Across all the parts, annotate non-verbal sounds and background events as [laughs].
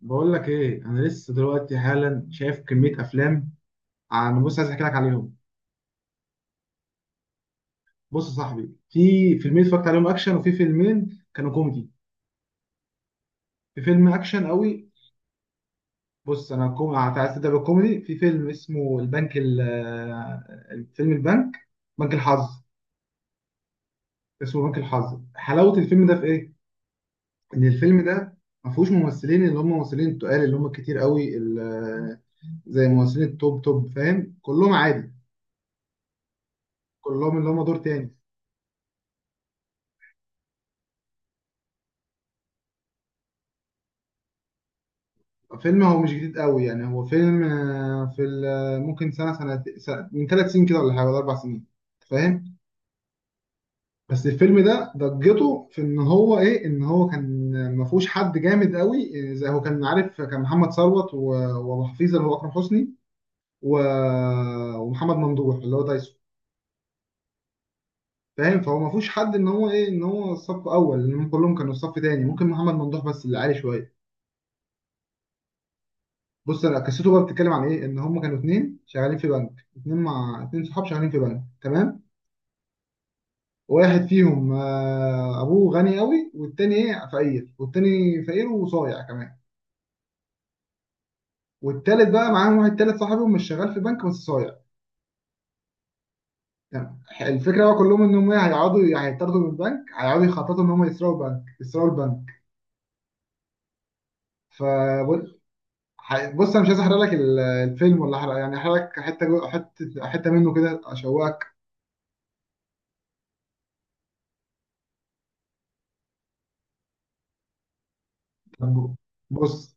بقول لك ايه؟ انا لسه دلوقتي حالا شايف كميه افلام. انا بص عايز احكي لك عليهم. بص يا صاحبي، في فيلمين اتفرجت عليهم اكشن، وفي فيلمين كانوا كوميدي. في فيلم اكشن قوي. عايز تبدا بالكوميدي. في فيلم اسمه البنك ال... آه، فيلم البنك، بنك الحظ. اسمه بنك الحظ. حلاوه الفيلم ده في ايه؟ ان الفيلم ده ما فيهوش ممثلين اللي هم ممثلين التقال اللي هم كتير قوي، زي ممثلين التوب توب، فاهم. كلهم عادي، كلهم اللي هم دور تاني. فيلم هو مش جديد قوي، يعني هو فيلم آه، في ال- آه، ممكن من 3 سنين كده، ولا حاجة، ولا 4 سنين، فاهم. بس الفيلم ده ضجته في ان هو ايه؟ ان هو كان ما فيهوش حد جامد قوي، زي هو كان عارف. كان محمد ثروت وابو حفيظه اللي هو اكرم حسني، ومحمد ممدوح اللي هو دايسون، فاهم. فهو ما فيهوش حد ان هو ايه، ان هو صف اول، لان هم كلهم كانوا صف تاني، ممكن محمد ممدوح بس اللي عالي شويه. بص انا قصته بقى بتتكلم عن ايه؟ ان هم كانوا اتنين شغالين في بنك، اتنين مع اتنين صحاب شغالين في بنك، تمام. واحد فيهم، ابوه غني قوي، والتاني ايه، فقير، والتاني فقير وصايع كمان. والتالت بقى معاهم، واحد تالت صاحبهم مش شغال في بنك بس صايع، تمام. الفكره بقى كلهم ان هم إيه، هيقعدوا، هيطردوا من البنك، هيقعدوا يخططوا ان هم يسرقوا البنك، يسرقوا البنك. ف بص انا مش عايز احرق لك الفيلم، ولا احرق، يعني احرق لك حته جو- حته حته منه كده اشوقك. طب بص،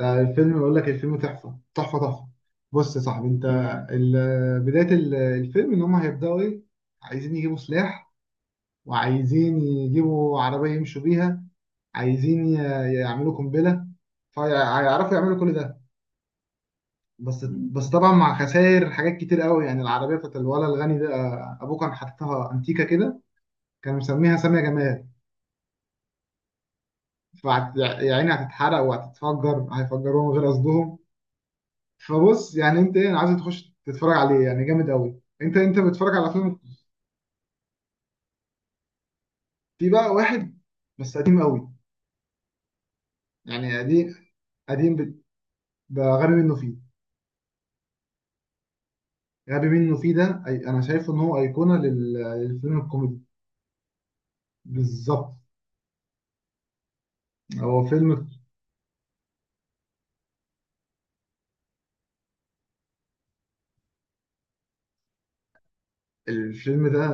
الفيلم، بقول لك الفيلم تحفة تحفة تحفة. بص يا صاحبي انت، بداية الفيلم ان هم هيبدأوا ايه؟ عايزين يجيبوا سلاح، وعايزين يجيبوا عربية يمشوا بيها، عايزين ي- يعملوا قنبلة. فيعرفوا يعملوا كل ده، بس طبعا مع خسائر حاجات كتير قوي. يعني العربية بتاعت الولد الغني ده، ابوه كان حاططها انتيكة كده، كان مسميها سامية جمال. فيعني هتتحرق وهتتفجر، هيفجروها من غير قصدهم. فبص، يعني انت ايه، انا عايز تخش تتفرج عليه، يعني جامد قوي. انت بتتفرج على فيلم. في بقى واحد، بس قديم قوي، يعني قديم. قديم ب- بقى غبي منه فيه. غبي منه فيه ده، انا شايفه ان هو ايقونه للفيلم الكوميدي. بالظبط. هو فيلم، الفيلم ده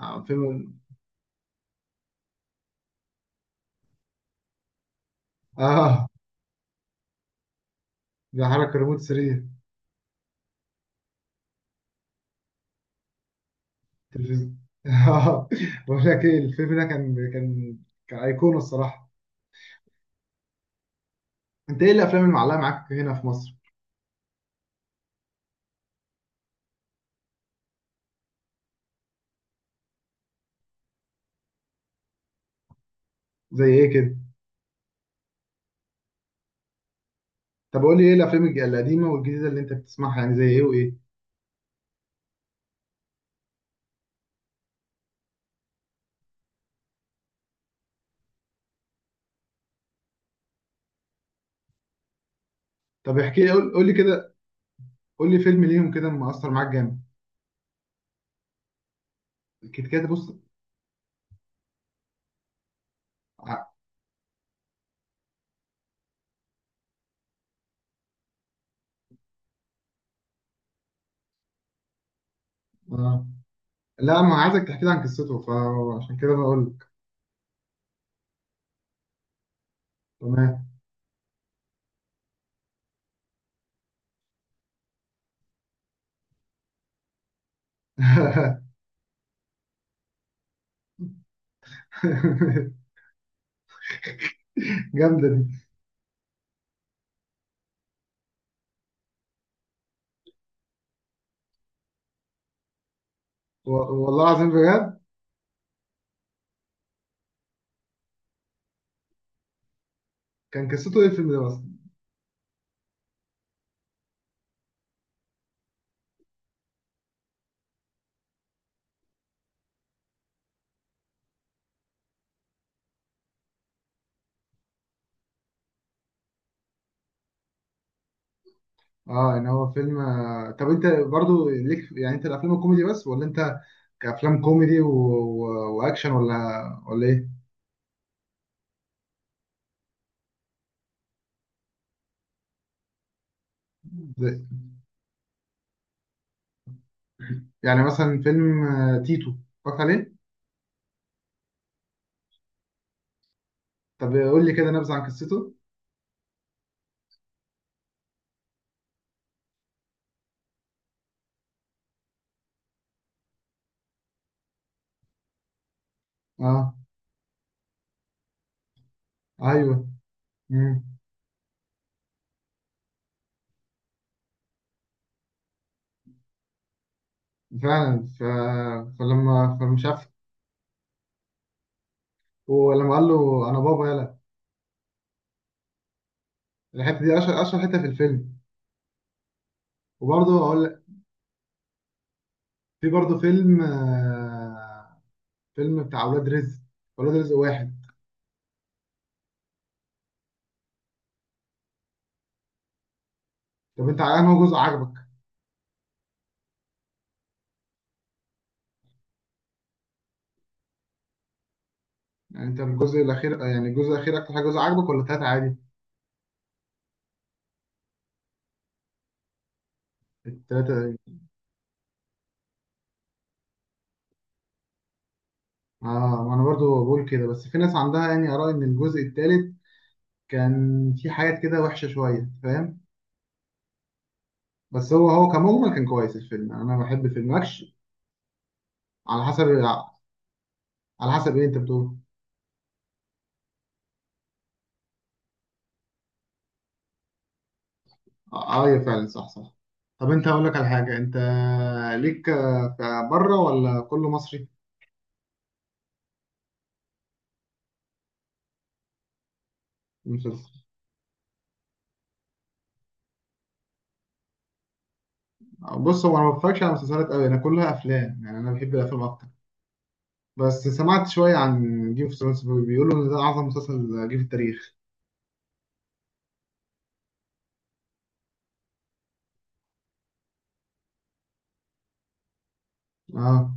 فيلم. اه، ده حركة ريموت 3، تلفزيون [laughs] اه. بقول لك ايه، الفيلم ده كان ايقونه الصراحه. انت ايه الافلام اللي معلقه معاك هنا في مصر؟ زي ايه كده؟ طب قول لي ايه الافلام القديمه والجديده اللي انت بتسمعها، يعني زي ايه وايه؟ طب احكي لي، قول لي كده، قول لي فيلم ليهم كده مأثر معاك جامد. الكيت كات، بص، ع- آه. لا، ما عايزك تحكي لي عن قصته، فعشان كده بقول لك. تمام. [laughs] جامده دي. و- والله العظيم بجد. كان قصته ايه الفيلم ده اصلا؟ اه، ان هو فيلم. طب انت برضو ليك، يعني انت الافلام الكوميدي بس، ولا انت كأفلام كوميدي واكشن، ولا ايه؟ زي- يعني مثلا فيلم تيتو، اتفرجت عليه. طب قول لي كده نبذة عن قصته. اه. ايوه. مم. فعلا، فلما شاف، ولما قال له انا بابا يلا، الحته دي اشهر اشهر حته في الفيلم. وبرضه اقول لك، في برضه فيلم فيلم بتاع اولاد رزق، اولاد رزق واحد. طب انت على انه جزء عجبك؟ يعني انت الجزء الاخير، يعني الجزء الاخير اكتر حاجه جزء عجبك، ولا التلاته عادي؟ التلاته. اه، ما انا برضه بقول كده، بس في ناس عندها يعني اراء ان الجزء التالت كان في حاجات كده وحشه شويه، فاهم. بس هو كمجمل كان كويس الفيلم، يعني انا بحب الفيلم ماكش. على حسب. على حسب ايه انت بتقول؟ اه، فعلا، صح صح. طب انت، اقول لك على حاجه، انت ليك في بره ولا كله مصري؟ المسلسل، بص هو انا ما بتفرجش على مسلسلات قوي، انا كلها افلام، يعني انا بحب الافلام اكتر. بس سمعت شويه عن جيم اوف ثرونز، بيقولوا ان ده اعظم مسلسل جه في التاريخ. اه،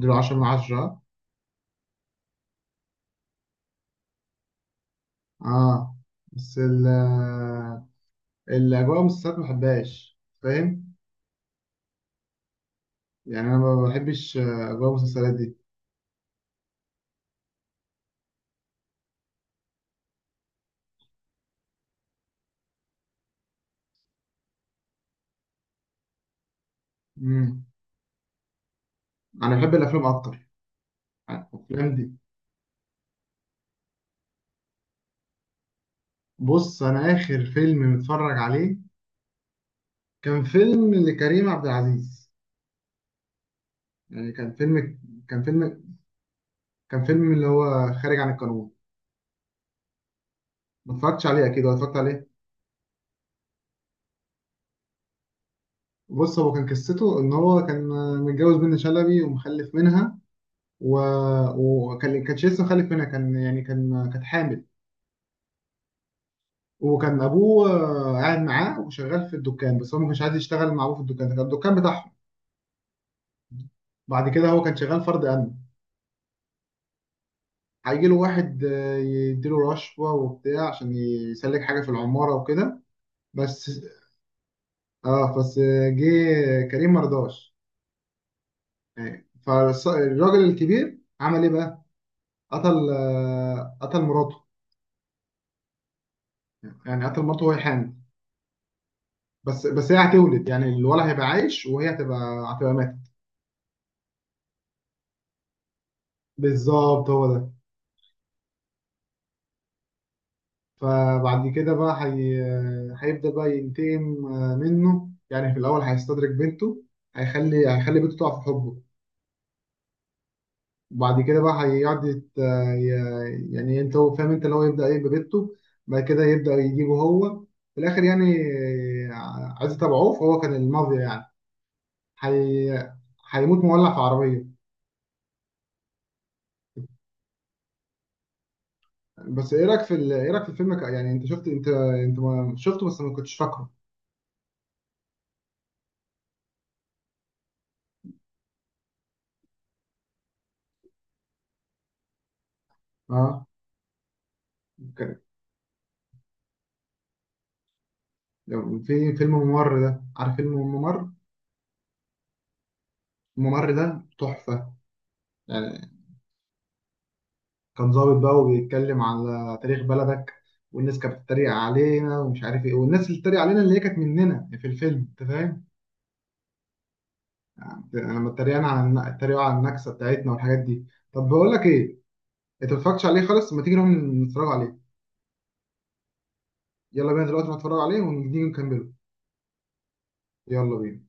دول 10 من 10. اه بس الاجواء المسلسلات ما بحبهاش، فاهم. يعني انا ما بحبش اجواء المسلسلات دي. امم انا بحب الافلام اكتر، الافلام دي. بص انا اخر فيلم متفرج عليه كان فيلم لكريم عبد العزيز، يعني كان فيلم، كان فيلم، كان فيلم اللي هو خارج عن القانون. ما اتفرجتش عليه اكيد، ولا اتفرجت عليه؟ بص هو كان قصته ان هو كان متجوز بنت شلبي ومخلف منها، و... وكان كانش لسه مخلف منها، كان يعني كانت حامل. وكان ابوه قاعد معاه وشغال في الدكان، بس هو ما كانش عايز يشتغل مع ابوه في الدكان ده، كان الدكان بتاعهم. بعد كده هو كان شغال فرد امن. هيجي له واحد، يديله رشوه وبتاع عشان يسلك حاجه في العماره وكده، بس. اه بس، جه كريم مرضاش. يعني فالراجل الكبير عمل ايه بقى؟ قتل مراته، يعني قتل مراته وهي حامل. بس هي هتولد، يعني الولد هيبقى عايش، وهي هتبقى ماتت. بالظبط هو ده. فبعد كده بقى هي... آه، هيبدأ بقى ينتقم منه، يعني في الأول هيستدرك بنته، هيخلي بنته تقع في حبه. وبعد كده بقى هيقعد يعني انت هو فاهم، انت اللي هو يبدأ ايه، ببيته، بعد كده يبدأ يجيبه هو في الاخر يعني. عايز تبعوه، فهو كان المافيا، يعني هي... هيموت مولع في عربية. بس ايه رأيك في الفيلم يعني انت شفت؟ انت ما شفته بس ما كنتش فاكره. اه، كان- في فيلم ممر، ده عارف فيلم ممر؟ ممر ده تحفة، يعني. كان ظابط بقى وبيتكلم على تاريخ بلدك، والناس كانت بتتريق علينا ومش عارف ايه، والناس اللي بتتريق علينا اللي هي كانت مننا في الفيلم، انت فاهم. يعني لما اتريقوا على النكسه بتاعتنا والحاجات دي. طب بقول لك ايه، انت ما اتفرجتش عليه خالص، ما تيجي نروح نتفرج عليه؟ يلا بينا دلوقتي نتفرج عليه، ونيجي نكمله. يلا بينا.